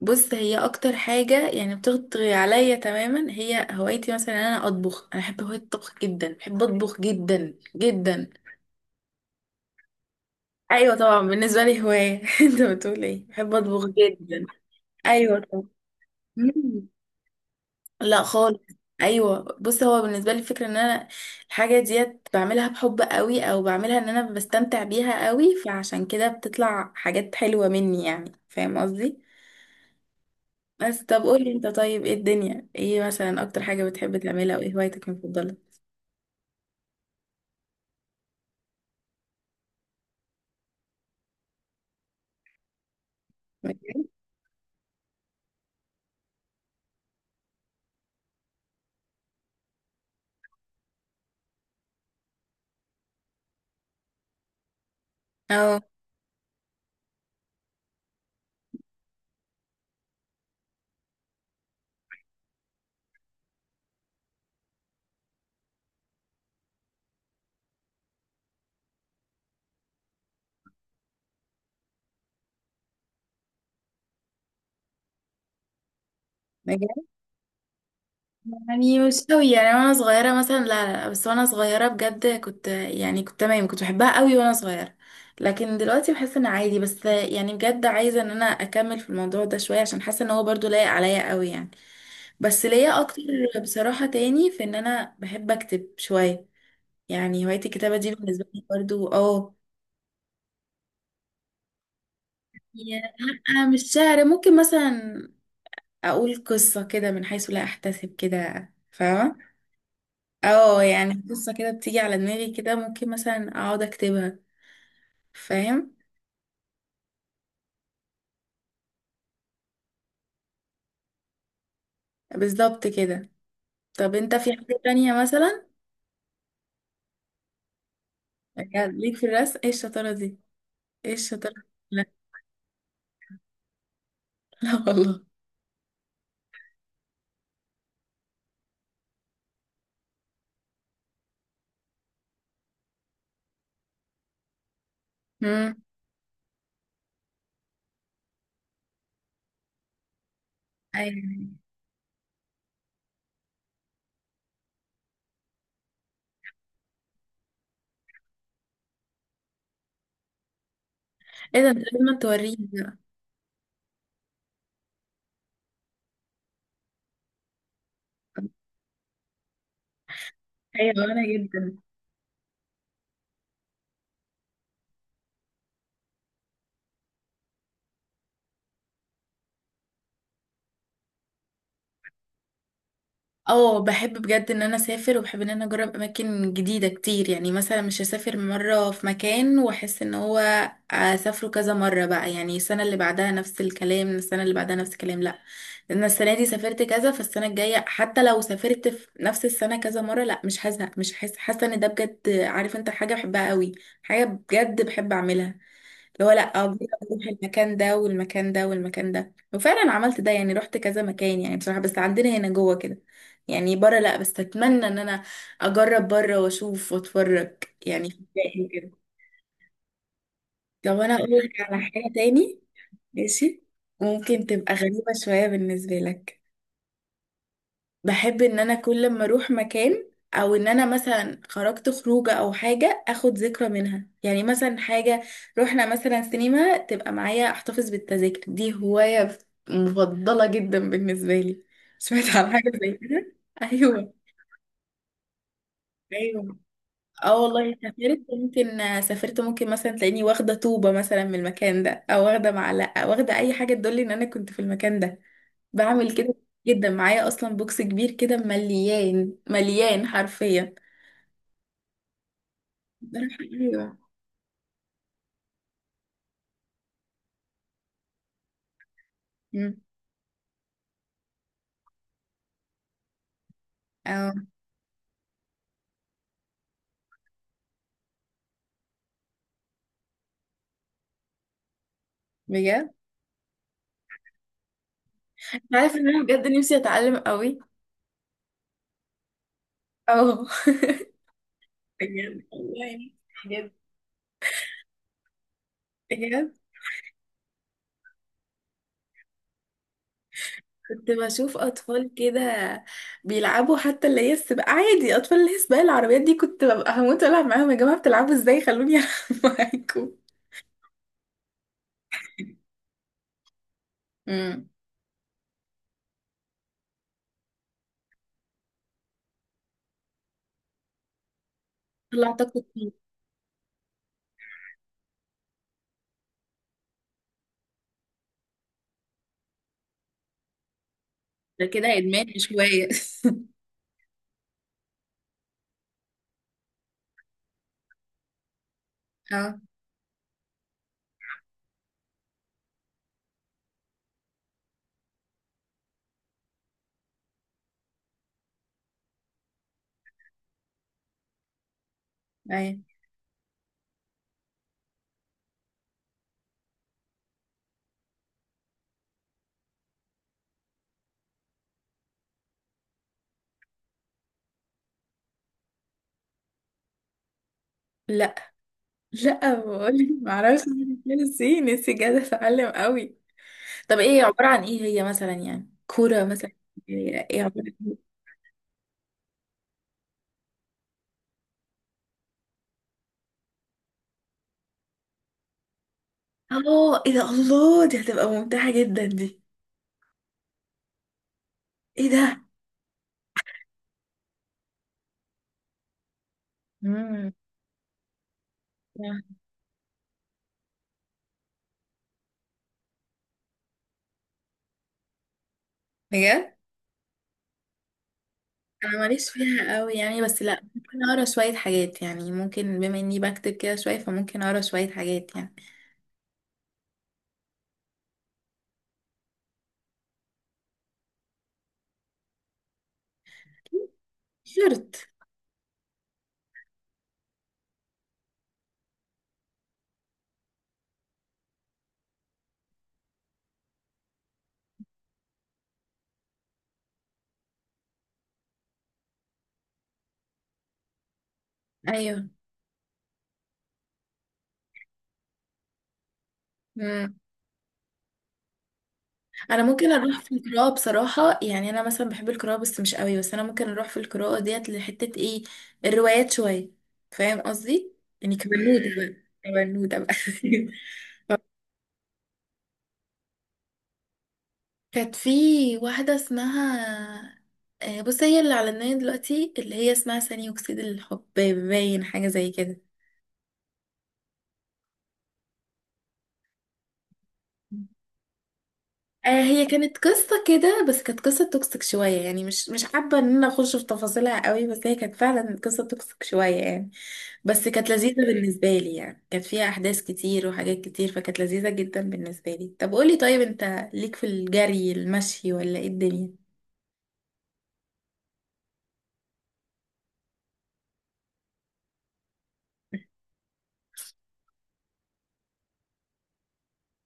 بص، هي اكتر حاجه يعني بتغطي عليا تماما هي هوايتي، مثلا إن انا اطبخ. انا بحب هوايه الطبخ جدا، بحب اطبخ جدا جدا. ايوه طبعا بالنسبه لي هوايه. انت بتقول ايه؟ بحب اطبخ جدا. ايوه طبعا. مم. لا خالص. ايوه، بص هو بالنسبه لي الفكره ان انا الحاجه ديت بعملها بحب قوي، او بعملها ان انا بستمتع بيها قوي، فعشان كده بتطلع حاجات حلوه مني، يعني فاهم قصدي. بس طب قولي انت، طيب ايه الدنيا؟ ايه مثلا اكتر حاجة بتحب تعملها، او ايه هوايتك المفضلة؟ مجال؟ اه. مجال يعني مش قوي، يعني وانا صغيرة مثلا، لا لا لا، بس وانا صغيرة بجد كنت، يعني كنت تمام، كنت بحبها قوي وانا صغيرة. لكن دلوقتي بحس ان عادي، بس يعني بجد عايزة ان انا اكمل في الموضوع ده شوية، عشان حاسة ان هو برضو لايق عليا قوي يعني. بس ليا اكتر بصراحة تاني في ان انا بحب اكتب شوية. يعني هواية الكتابة دي بالنسبة لي برضو، اه. يا- لأ، مش شعر، ممكن مثلا اقول قصة كده من حيث لا احتسب، كده فاهمة. اه، يعني قصة كده بتيجي على دماغي كده، ممكن مثلا اقعد اكتبها. فاهم. بالظبط كده. طب انت في حاجة تانية مثلا؟ يعني ليك في الرسم؟ ايه الشطارة دي؟ ايه الشطارة دي؟ لا. لا والله. امم. ايوه، ايه ده؟ انت لازم توريني بقى. ايوه، انا جدا. اه. بحب بجد ان انا اسافر، وبحب ان انا اجرب اماكن جديده كتير، يعني مثلا مش هسافر مره في مكان واحس ان هو اسافره كذا مره بقى، يعني السنه اللي بعدها نفس الكلام، السنه اللي بعدها نفس الكلام، لا، لان السنه دي سافرت كذا، فالسنه الجايه حتى لو سافرت في نفس السنه كذا مره، لا مش هزهق، مش حاسه حاسه ان ده، بجد عارف انت، حاجه بحبها قوي، حاجه بجد بحب اعملها. اللي هو لا، أجرب اروح المكان ده والمكان ده والمكان ده، وفعلا عملت ده، يعني رحت كذا مكان يعني، بصراحة بس عندنا هنا جوه كده، يعني بره لا، بس اتمنى ان انا اجرب بره واشوف واتفرج يعني في الباقي كده. طب انا اقول لك على حاجة تاني؟ ماشي. ممكن تبقى غريبة شوية بالنسبة لك. بحب ان انا كل لما اروح مكان، او ان انا مثلا خرجت خروجه او حاجه، اخد ذكرى منها، يعني مثلا حاجه رحنا مثلا سينما، تبقى معايا احتفظ بالتذاكر دي، هوايه مفضله جدا بالنسبه لي. سمعت عن حاجه زي كده؟ ايوه. ايوه، اه والله سافرت ممكن، سافرت ممكن مثلا تلاقيني واخده طوبه مثلا من المكان ده، او واخده معلقه، واخده اي حاجه تدل ان انا كنت في المكان ده. بعمل كده. جدا. معايا اصلا بوكس كبير كده مليان مليان حرفيا. ايوه. مم. اه. بجد. أنت عارف ان انا بجد نفسي اتعلم قوي. اه. بجد والله. بجد. بجد. كنت بشوف اطفال كده بيلعبوا، حتى اللي هي السباق، عادي اطفال، اللي هي سباق العربيات دي، كنت ببقى هموت والعب معاهم. يا جماعه بتلعبوا ازاي؟ خلوني العب معاكم. امم. طلعت أكتر. ده كده ادمان مش هوايه. اه. ايوه. لا لا، بقول معرفش. مين نسي جاد اتعلم قوي. طب ايه عبارة عن ايه؟ هي مثلا يعني كورة مثلا؟ ايه عبارة عن ايه؟ اه، ايه ده؟ الله، دي هتبقى ممتعة جدا دي. ايه ده؟ امم. بجد؟ انا ماليش فيها قوي يعني، بس لا ممكن اقرا شوية حاجات، يعني ممكن بما اني بكتب كده شوية، فممكن اقرا شوية حاجات يعني. شرط. ايوه. انا ممكن اروح في القراءه بصراحه، يعني انا مثلا بحب القراءه بس مش قوي، بس انا ممكن اروح في القراءه ديت لحته ايه الروايات شويه. فاهم قصدي؟ يعني كبنوده بقى، كبنوده بقى. كانت في واحده اسمها، بص هي اللي على النايل دلوقتي، اللي هي اسمها ثاني اكسيد الحب، باين حاجه زي كده. هي كانت قصة كده، بس كانت قصة توكسيك شوية، يعني مش حابة ان انا اخش في تفاصيلها قوي، بس هي كانت فعلا قصة توكسيك شوية يعني. بس كانت لذيذة بالنسبة لي، يعني كانت فيها احداث كتير وحاجات كتير، فكانت لذيذة جدا بالنسبة لي. طب قولي، طيب انت ليك في الجري، المشي، ولا ايه الدنيا؟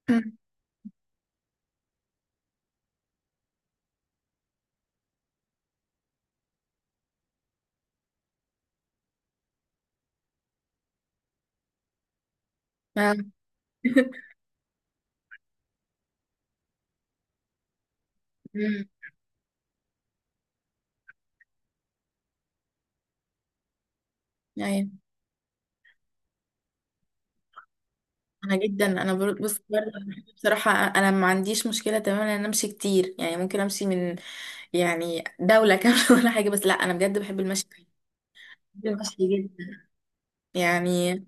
مم. آه. امم. ايوه. انا جدا. بص برضه. بصراحه انا ما عنديش مشكله تماما ان انا امشي كتير، يعني ممكن امشي من، يعني دوله كامله ولا حاجه، بس لا انا بجد بحب المشي. وحشة جدا يعني.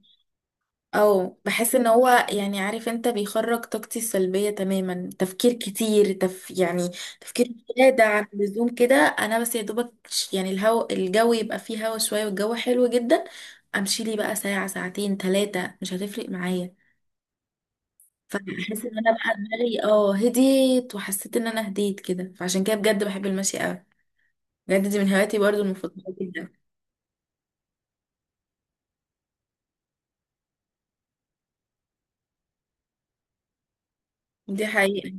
او بحس ان هو يعني عارف انت، بيخرج طاقتي السلبية تماما، تفكير كتير، يعني تفكير زيادة عن اللزوم كده. انا بس يا دوبك، يعني الجو يبقى فيه هوا شوية والجو حلو جدا، امشي لي بقى ساعة ساعتين ثلاثة مش هتفرق معايا. فبحس ان انا بقى دماغي هديت، وحسيت ان انا هديت كده، فعشان كده بجد بحب المشي قوي، بجد دي من هواياتي برضو المفضلة جدا. دي حقيقة.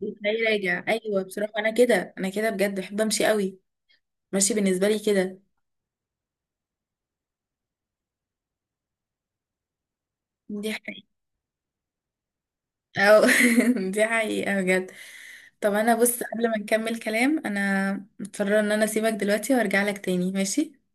بتلاقيه راجع ايوه، بصراحه انا كده بجد بحب امشي قوي. ماشي بالنسبه لي كده. دي حقيقه. او. دي حقيقه بجد. طب انا بص، قبل ما نكمل كلام انا مضطره ان انا اسيبك دلوقتي وارجع لك تاني، ماشي.